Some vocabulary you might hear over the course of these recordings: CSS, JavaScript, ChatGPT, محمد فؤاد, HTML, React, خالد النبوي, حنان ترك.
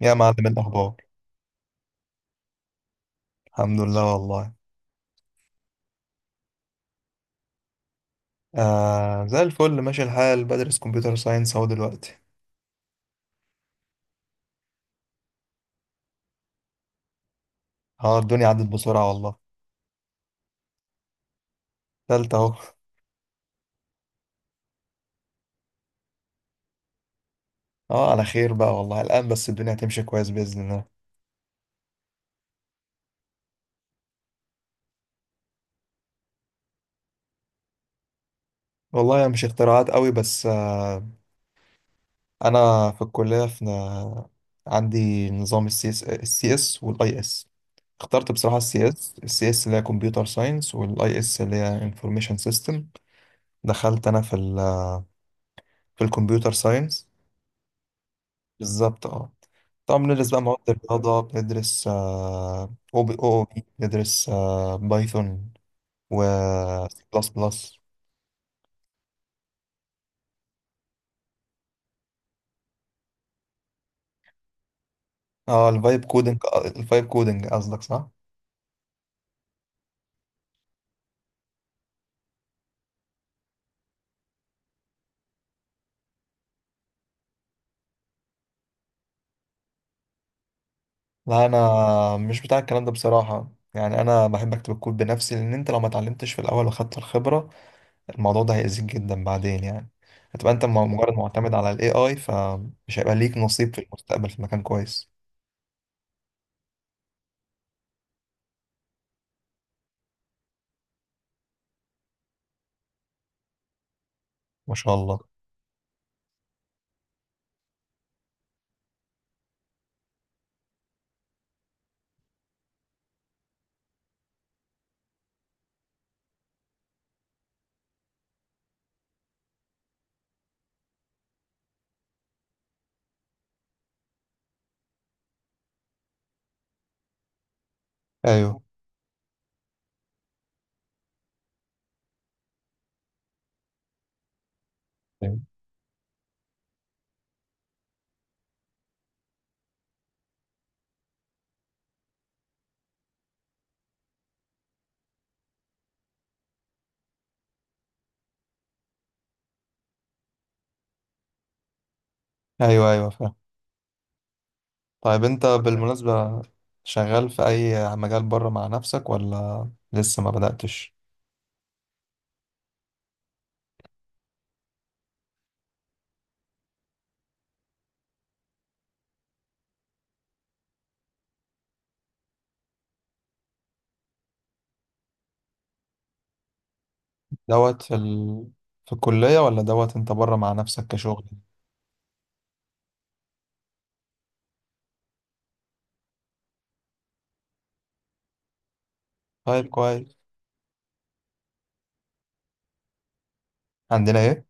يا معلم، إيه الأخبار؟ الحمد لله والله. آه، زي الفل، ماشي الحال. بدرس كمبيوتر ساينس أهو دلوقتي. اه، الدنيا عدت بسرعة والله. تالتة أهو اه، على خير بقى والله، الآن بس الدنيا هتمشي كويس بإذن الله. والله هي مش اختراعات قوي بس أنا في الكلية، في... عندي نظام السي اس والاي اس. اخترت بصراحة السي اس اللي هي كمبيوتر ساينس، والاي اس اللي هي انفورميشن سيستم. دخلت أنا في الكمبيوتر ساينس. بالظبط، اه. طبعا بندرس بقى مواد الرياضة، بندرس او بي، بندرس بايثون و سي بلس بلس. اه، الفايب كودنج. الفايب كودنج قصدك، صح؟ لا، انا مش بتاع الكلام ده بصراحة يعني. انا بحب اكتب الكود بنفسي، لان انت لو ما اتعلمتش في الاول واخدت الخبرة، الموضوع ده هيأذيك جدا بعدين يعني. هتبقى انت مجرد معتمد على الاي اي، فمش هيبقى ليك نصيب في المستقبل في مكان كويس. ما شاء الله. ايوه، ايوه، ايوه، فاهم. طيب، انت بالمناسبة شغال في اي مجال بره مع نفسك ولا لسه ما بدأتش؟ دوت في الكلية، ولا دوت انت بره مع نفسك كشغل؟ طيب، كويس. عندنا ايه؟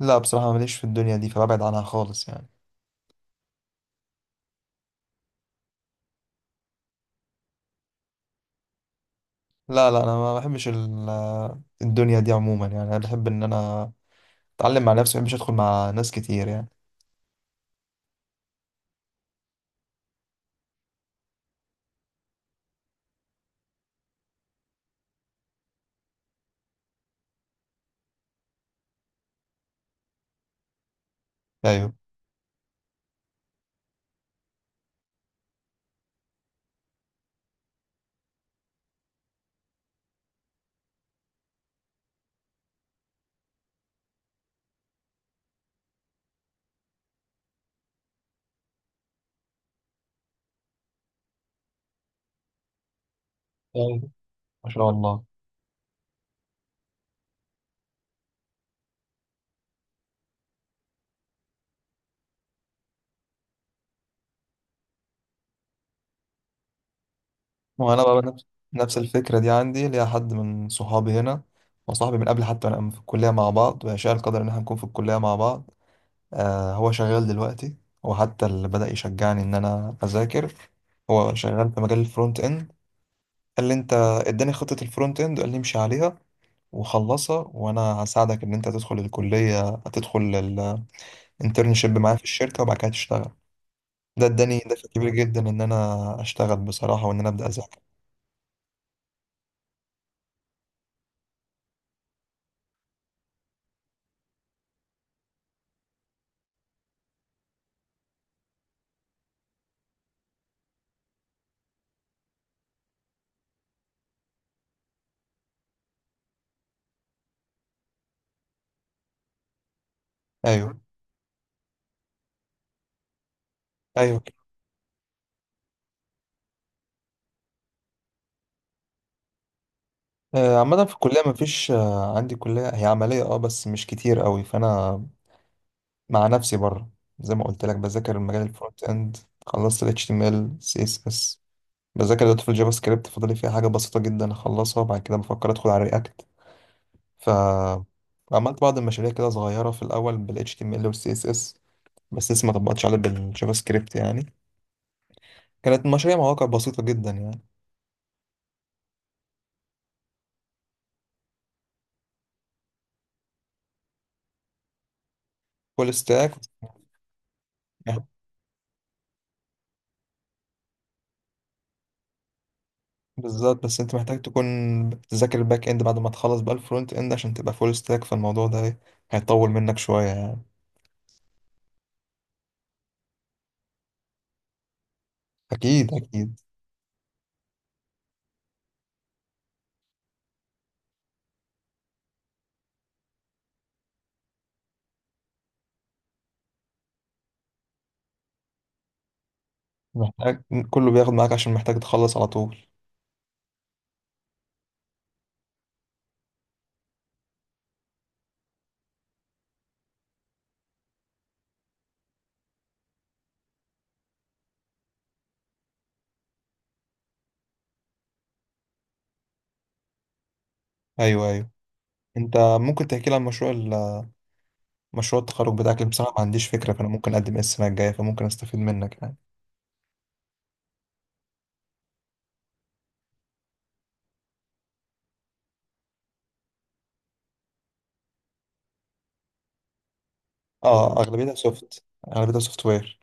لا بصراحة، ماليش في الدنيا دي فببعد عنها خالص يعني. لا، لا، انا ما بحبش الدنيا دي عموما يعني. انا بحب ان انا اتعلم مع نفسي، ما بحبش ادخل مع ناس كتير يعني. ايوه، ايوه. ما شاء الله. وانا بقى نفس الفكره دي عندي. ليا حد من صحابي هنا، وصاحبي من قبل، حتى انا في الكليه مع بعض، ويشاء القدر ان احنا نكون في الكليه مع بعض. آه، هو شغال دلوقتي. هو حتى اللي بدا يشجعني ان انا اذاكر. هو شغال في مجال الفرونت اند. قال لي انت... اداني خطه الفرونت اند وقال لي امشي عليها وخلصها، وانا هساعدك ان انت تدخل الكليه، تدخل الانترنشيب معايا في الشركه، وبعد كده تشتغل. ده اداني دفع كبير جدا ان انا اشتغل بصراحه، وان انا ابدا اذاكر. ايوه، ايوه. عامة في الكلية مفيش. عندي كلية هي عملية، بس مش كتير قوي، فأنا مع نفسي بره. زي ما قلت لك، بذاكر المجال الفرونت اند. خلصت ال HTML CSS، بذاكر دلوقتي في الجافا سكريبت. فاضل لي فيها حاجة بسيطة جدا أخلصها، وبعد كده بفكر أدخل على رياكت. ف عملت بعض المشاريع كده صغيرة في الأول بال HTML وال CSS، بس لسه ما طبقتش عليها بالجافا سكريبت يعني. كانت مشاريع مواقع بسيطة جدا يعني. فول ستاك. بالظبط، بس انت محتاج تكون بتذاكر الباك اند بعد ما تخلص بقى الفرونت اند عشان تبقى فول ستاك، فالموضوع ده هيطول منك شوية يعني. اكيد، اكيد. محتاج، كله بياخد معاك عشان محتاج تخلص على طول. ايوه، ايوه. انت ممكن تحكي لي عن مشروع التخرج بتاعك؟ اللي بصراحة ما عنديش فكرة، فانا ممكن اقدم ايه السنة الجاية، فممكن استفيد منك يعني. اه، اغلبيتها سوفت وير.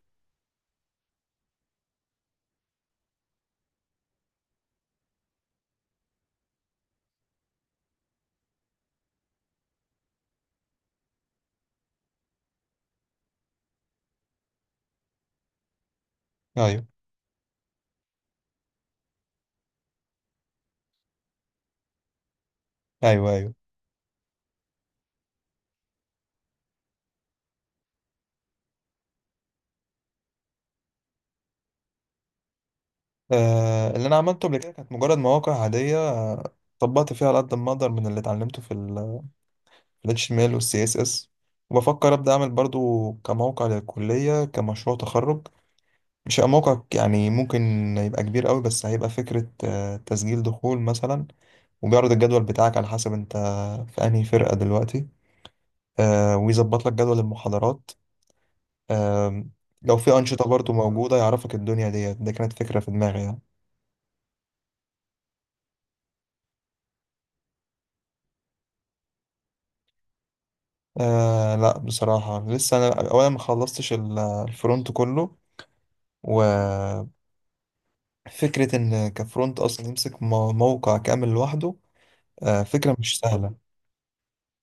ايوه، ايوه، ايوه. آه، اللي انا عملته قبل كده كانت مجرد مواقع عادية. طبقت فيها على قد ما اقدر من اللي اتعلمته في ريتش ميل والسي اس اس. وبفكر ابدا اعمل برضو كموقع للكليه كمشروع تخرج. مش هيبقى موقع يعني ممكن يبقى كبير قوي، بس هيبقى فكره. تسجيل دخول مثلا، وبيعرض الجدول بتاعك على حسب انت في انهي فرقه دلوقتي. ويظبط لك جدول المحاضرات. آم، لو في انشطه برضو موجوده يعرفك الدنيا ديت. ده كانت فكره في دماغي يعني. آه، لا بصراحه، لسه انا اولا ما خلصتش الفرونت كله. و فكرة إن كفرونت أصلا يمسك موقع كامل لوحده، فكرة مش سهلة.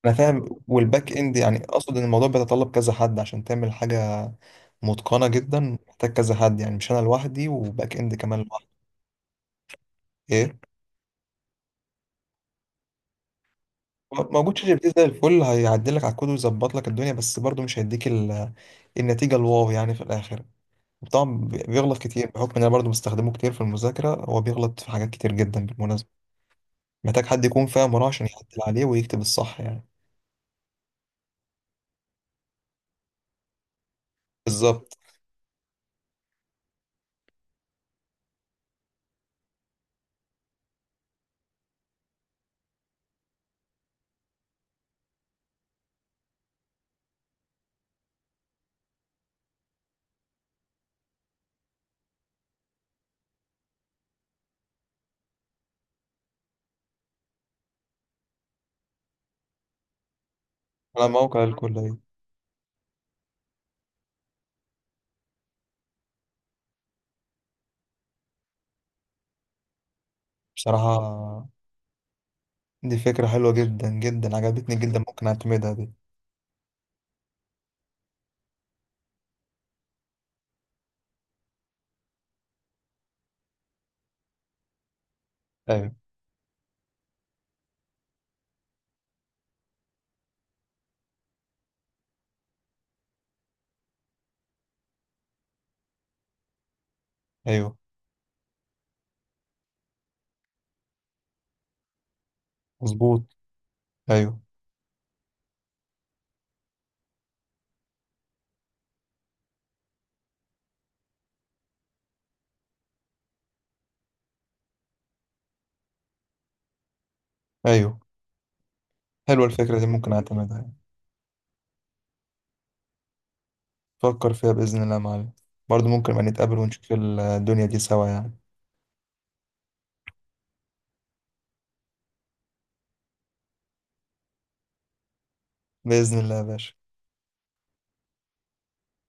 أنا فاهم، والباك إند يعني. أقصد إن الموضوع بيتطلب كذا حد عشان تعمل حاجة متقنة جدا. محتاج كذا حد يعني، مش أنا لوحدي، وباك إند كمان لوحدي. إيه موجود شات جي بي تي زي الفل، هيعدل لك على الكود ويظبط لك الدنيا، بس برضه مش هيديك النتيجة الواو يعني في الآخر. طبعا بيغلط كتير، بحكم إن أنا برضه بستخدمه كتير في المذاكرة، هو بيغلط في حاجات كتير جدا بالمناسبة. محتاج حد يكون فاهم وراه عشان يعدل عليه ويكتب الصح يعني. بالظبط. على موقع الكلية. بصراحة دي فكرة حلوة جدا جدا، عجبتني جدا، ممكن أعتمدها دي. أيوه، أيوه، مظبوط. أيوه، أيوه. حلوة الفكرة دي، ممكن أعتمدها يعني. فكر فيها بإذن الله يا معلم. برضه ممكن ما نتقابل ونشوف الدنيا دي سوا يعني. بإذن الله يا باشا.